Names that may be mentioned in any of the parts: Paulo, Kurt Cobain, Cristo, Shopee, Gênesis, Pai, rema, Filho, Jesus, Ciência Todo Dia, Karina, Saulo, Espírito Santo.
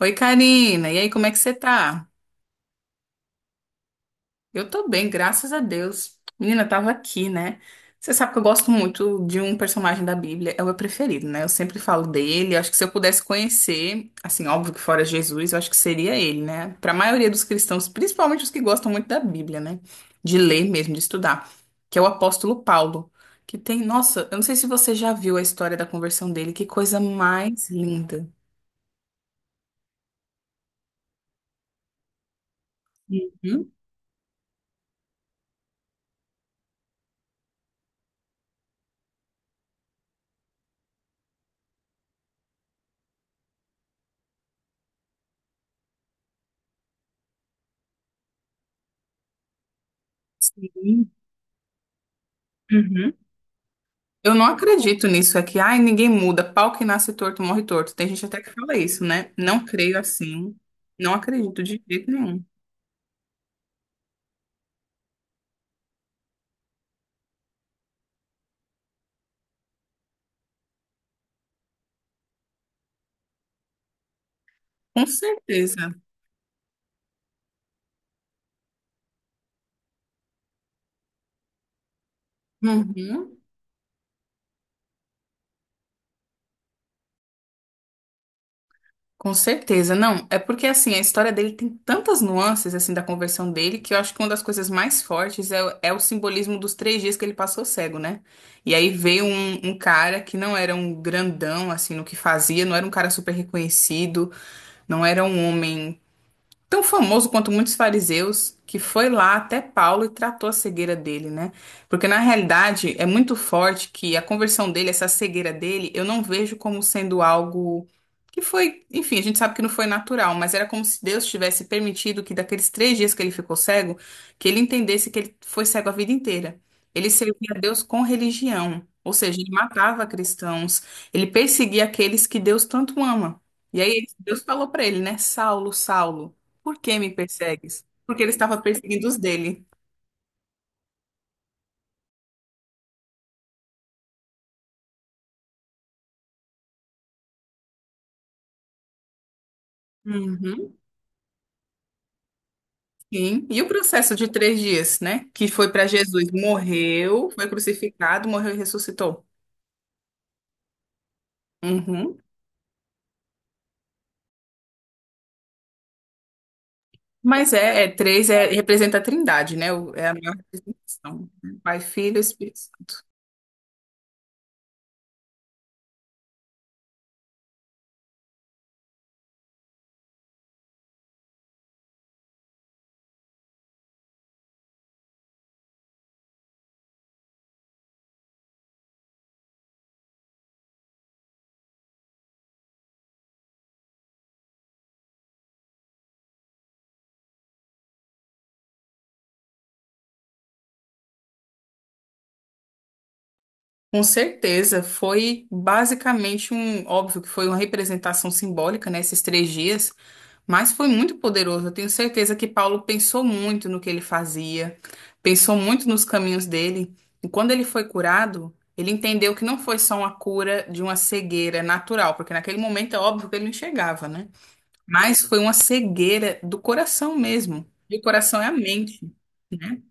Oi, Karina. E aí, como é que você tá? Eu tô bem, graças a Deus. Menina, eu tava aqui, né? Você sabe que eu gosto muito de um personagem da Bíblia, é o meu preferido, né? Eu sempre falo dele. Acho que se eu pudesse conhecer, assim, óbvio que fora Jesus, eu acho que seria ele, né? Pra maioria dos cristãos, principalmente os que gostam muito da Bíblia, né? De ler mesmo, de estudar, que é o apóstolo Paulo, que tem, nossa, eu não sei se você já viu a história da conversão dele, que coisa mais linda. Uhum. Uhum. Eu não acredito nisso, é que, ai, ninguém muda, pau que nasce torto morre torto. Tem gente até que fala isso, né? Não creio assim, não acredito de jeito nenhum. Com certeza. Uhum. Com certeza, não. É porque, assim, a história dele tem tantas nuances, assim, da conversão dele, que eu acho que uma das coisas mais fortes é o simbolismo dos três dias que ele passou cego, né? E aí veio um cara que não era um grandão, assim, no que fazia, não era um cara super reconhecido, não era um homem tão famoso quanto muitos fariseus, que foi lá até Paulo e tratou a cegueira dele, né? Porque na realidade é muito forte que a conversão dele, essa cegueira dele, eu não vejo como sendo algo que foi, enfim, a gente sabe que não foi natural, mas era como se Deus tivesse permitido que daqueles três dias que ele ficou cego, que ele entendesse que ele foi cego a vida inteira. Ele servia a Deus com religião, ou seja, ele matava cristãos, ele perseguia aqueles que Deus tanto ama. E aí Deus falou para ele, né, Saulo, Saulo. Por que me persegues? Porque ele estava perseguindo os dele. Uhum, sim. E o processo de três dias, né? Que foi para Jesus. Morreu, foi crucificado, morreu e ressuscitou. Uhum. Mas é três, representa a trindade, né? É a maior representação. Pai, Filho e Espírito Santo. Com certeza, foi basicamente um, óbvio que foi uma representação simbólica, né, esses três dias, mas foi muito poderoso. Eu tenho certeza que Paulo pensou muito no que ele fazia, pensou muito nos caminhos dele, e quando ele foi curado, ele entendeu que não foi só uma cura de uma cegueira natural, porque naquele momento é óbvio que ele não enxergava, né? Mas foi uma cegueira do coração mesmo. E o coração é a mente, né?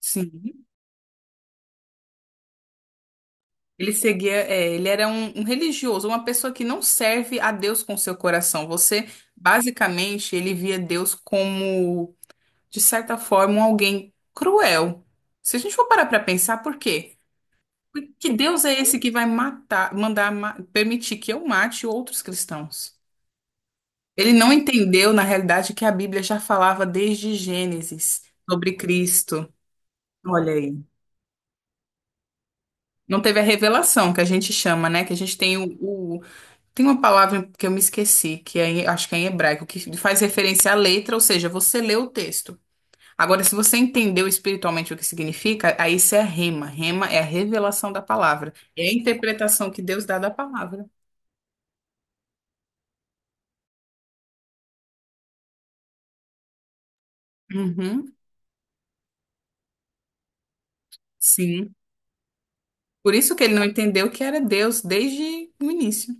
Sim. Ele seguia, ele era um religioso, uma pessoa que não serve a Deus com seu coração. Basicamente, ele via Deus como, de certa forma, um alguém cruel. Se a gente for parar para pensar, por quê? Porque Deus é esse que vai matar, mandar, permitir que eu mate outros cristãos. Ele não entendeu, na realidade, que a Bíblia já falava desde Gênesis sobre Cristo. Olha aí. Não teve a revelação que a gente chama, né? Que a gente tem Tem uma palavra que eu me esqueci, que é, acho que é em hebraico, que faz referência à letra, ou seja, você lê o texto. Agora, se você entendeu espiritualmente o que significa, aí isso é rema. Rema é a revelação da palavra. É a interpretação que Deus dá da palavra. Uhum, sim. Por isso que ele não entendeu que era Deus desde o início.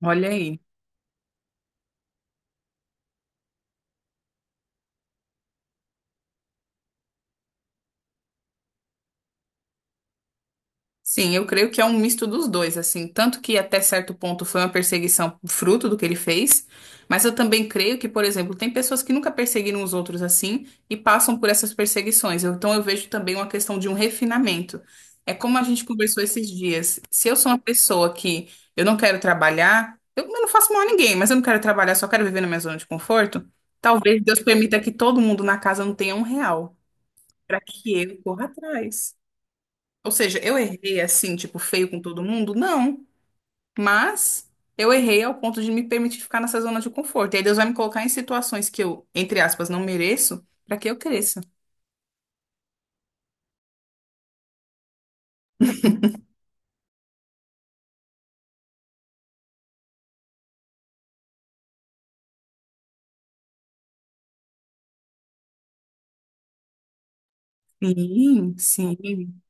Olha aí. Sim, eu creio que é um misto dos dois, assim, tanto que até certo ponto foi uma perseguição fruto do que ele fez, mas eu também creio que, por exemplo, tem pessoas que nunca perseguiram os outros assim e passam por essas perseguições. Então eu vejo também uma questão de um refinamento. É como a gente conversou esses dias. Se eu sou uma pessoa que eu não quero trabalhar, eu não faço mal a ninguém, mas eu não quero trabalhar, só quero viver na minha zona de conforto, talvez Deus permita que todo mundo na casa não tenha um real, para que eu corra atrás. Ou seja, eu errei assim, tipo, feio com todo mundo? Não. Mas eu errei ao ponto de me permitir ficar nessa zona de conforto. E aí Deus vai me colocar em situações que eu, entre aspas, não mereço, para que eu cresça. Sim, sim,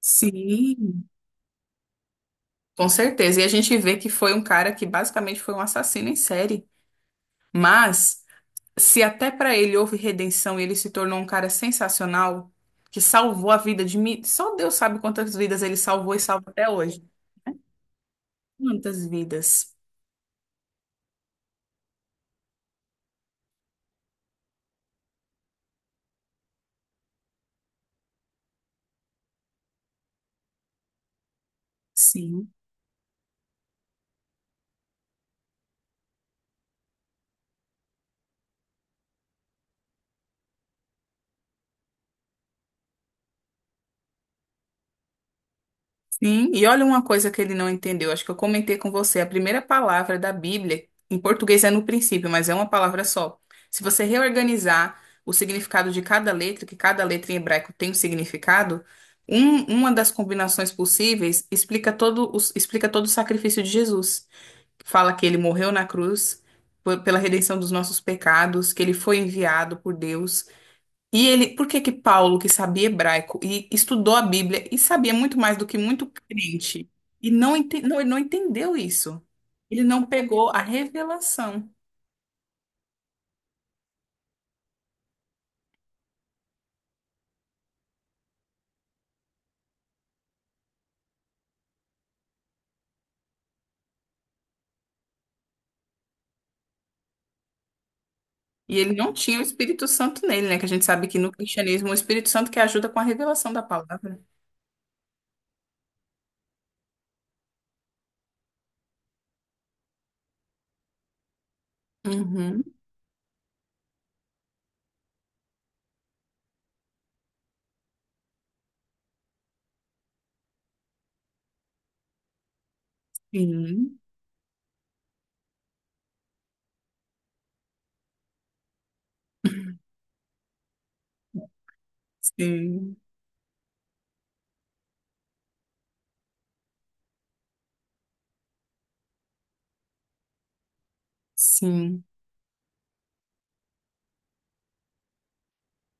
sim. Com certeza. E a gente vê que foi um cara que basicamente foi um assassino em série. Mas, se até para ele houve redenção e ele se tornou um cara sensacional, que salvou a vida de mim, só Deus sabe quantas vidas ele salvou e salva até hoje. Quantas vidas? Sim. Sim, e olha uma coisa que ele não entendeu. Acho que eu comentei com você. A primeira palavra da Bíblia, em português é no princípio, mas é uma palavra só. Se você reorganizar o significado de cada letra, que cada letra em hebraico tem um significado, uma das combinações possíveis explica explica todo o sacrifício de Jesus. Fala que ele morreu na cruz pela redenção dos nossos pecados, que ele foi enviado por Deus. E ele, por que que Paulo, que sabia hebraico e estudou a Bíblia e sabia muito mais do que muito crente, e não, ente, não, ele não entendeu isso? Ele não pegou a revelação. E ele não tinha o Espírito Santo nele, né? Que a gente sabe que no cristianismo o Espírito Santo que ajuda com a revelação da palavra. Uhum. Sim, sim, sim.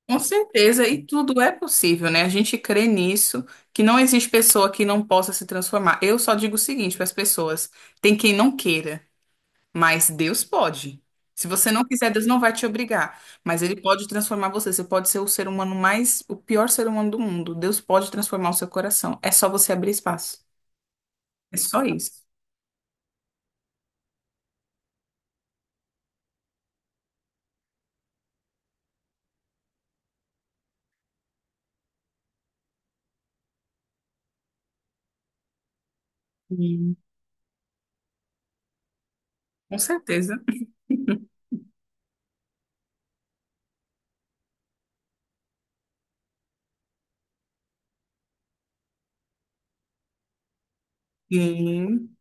Com certeza, e tudo é possível, né? A gente crê nisso, que não existe pessoa que não possa se transformar. Eu só digo o seguinte para as pessoas: tem quem não queira. Mas Deus pode. Se você não quiser, Deus não vai te obrigar. Mas Ele pode transformar você. Você pode ser o ser humano o pior ser humano do mundo. Deus pode transformar o seu coração. É só você abrir espaço. É só isso. Sim. Com certeza. Sim.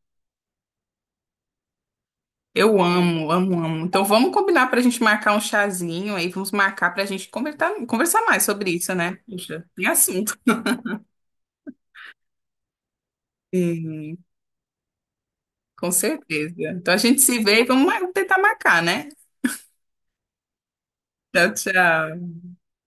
Eu amo, amo, amo. Então vamos combinar para a gente marcar um chazinho aí. Vamos marcar para a gente conversar, conversar mais sobre isso, né? Puxa, tem assunto. Sim, com certeza. Então a gente se vê e vamos tentar marcar, né? Tchau, tchau.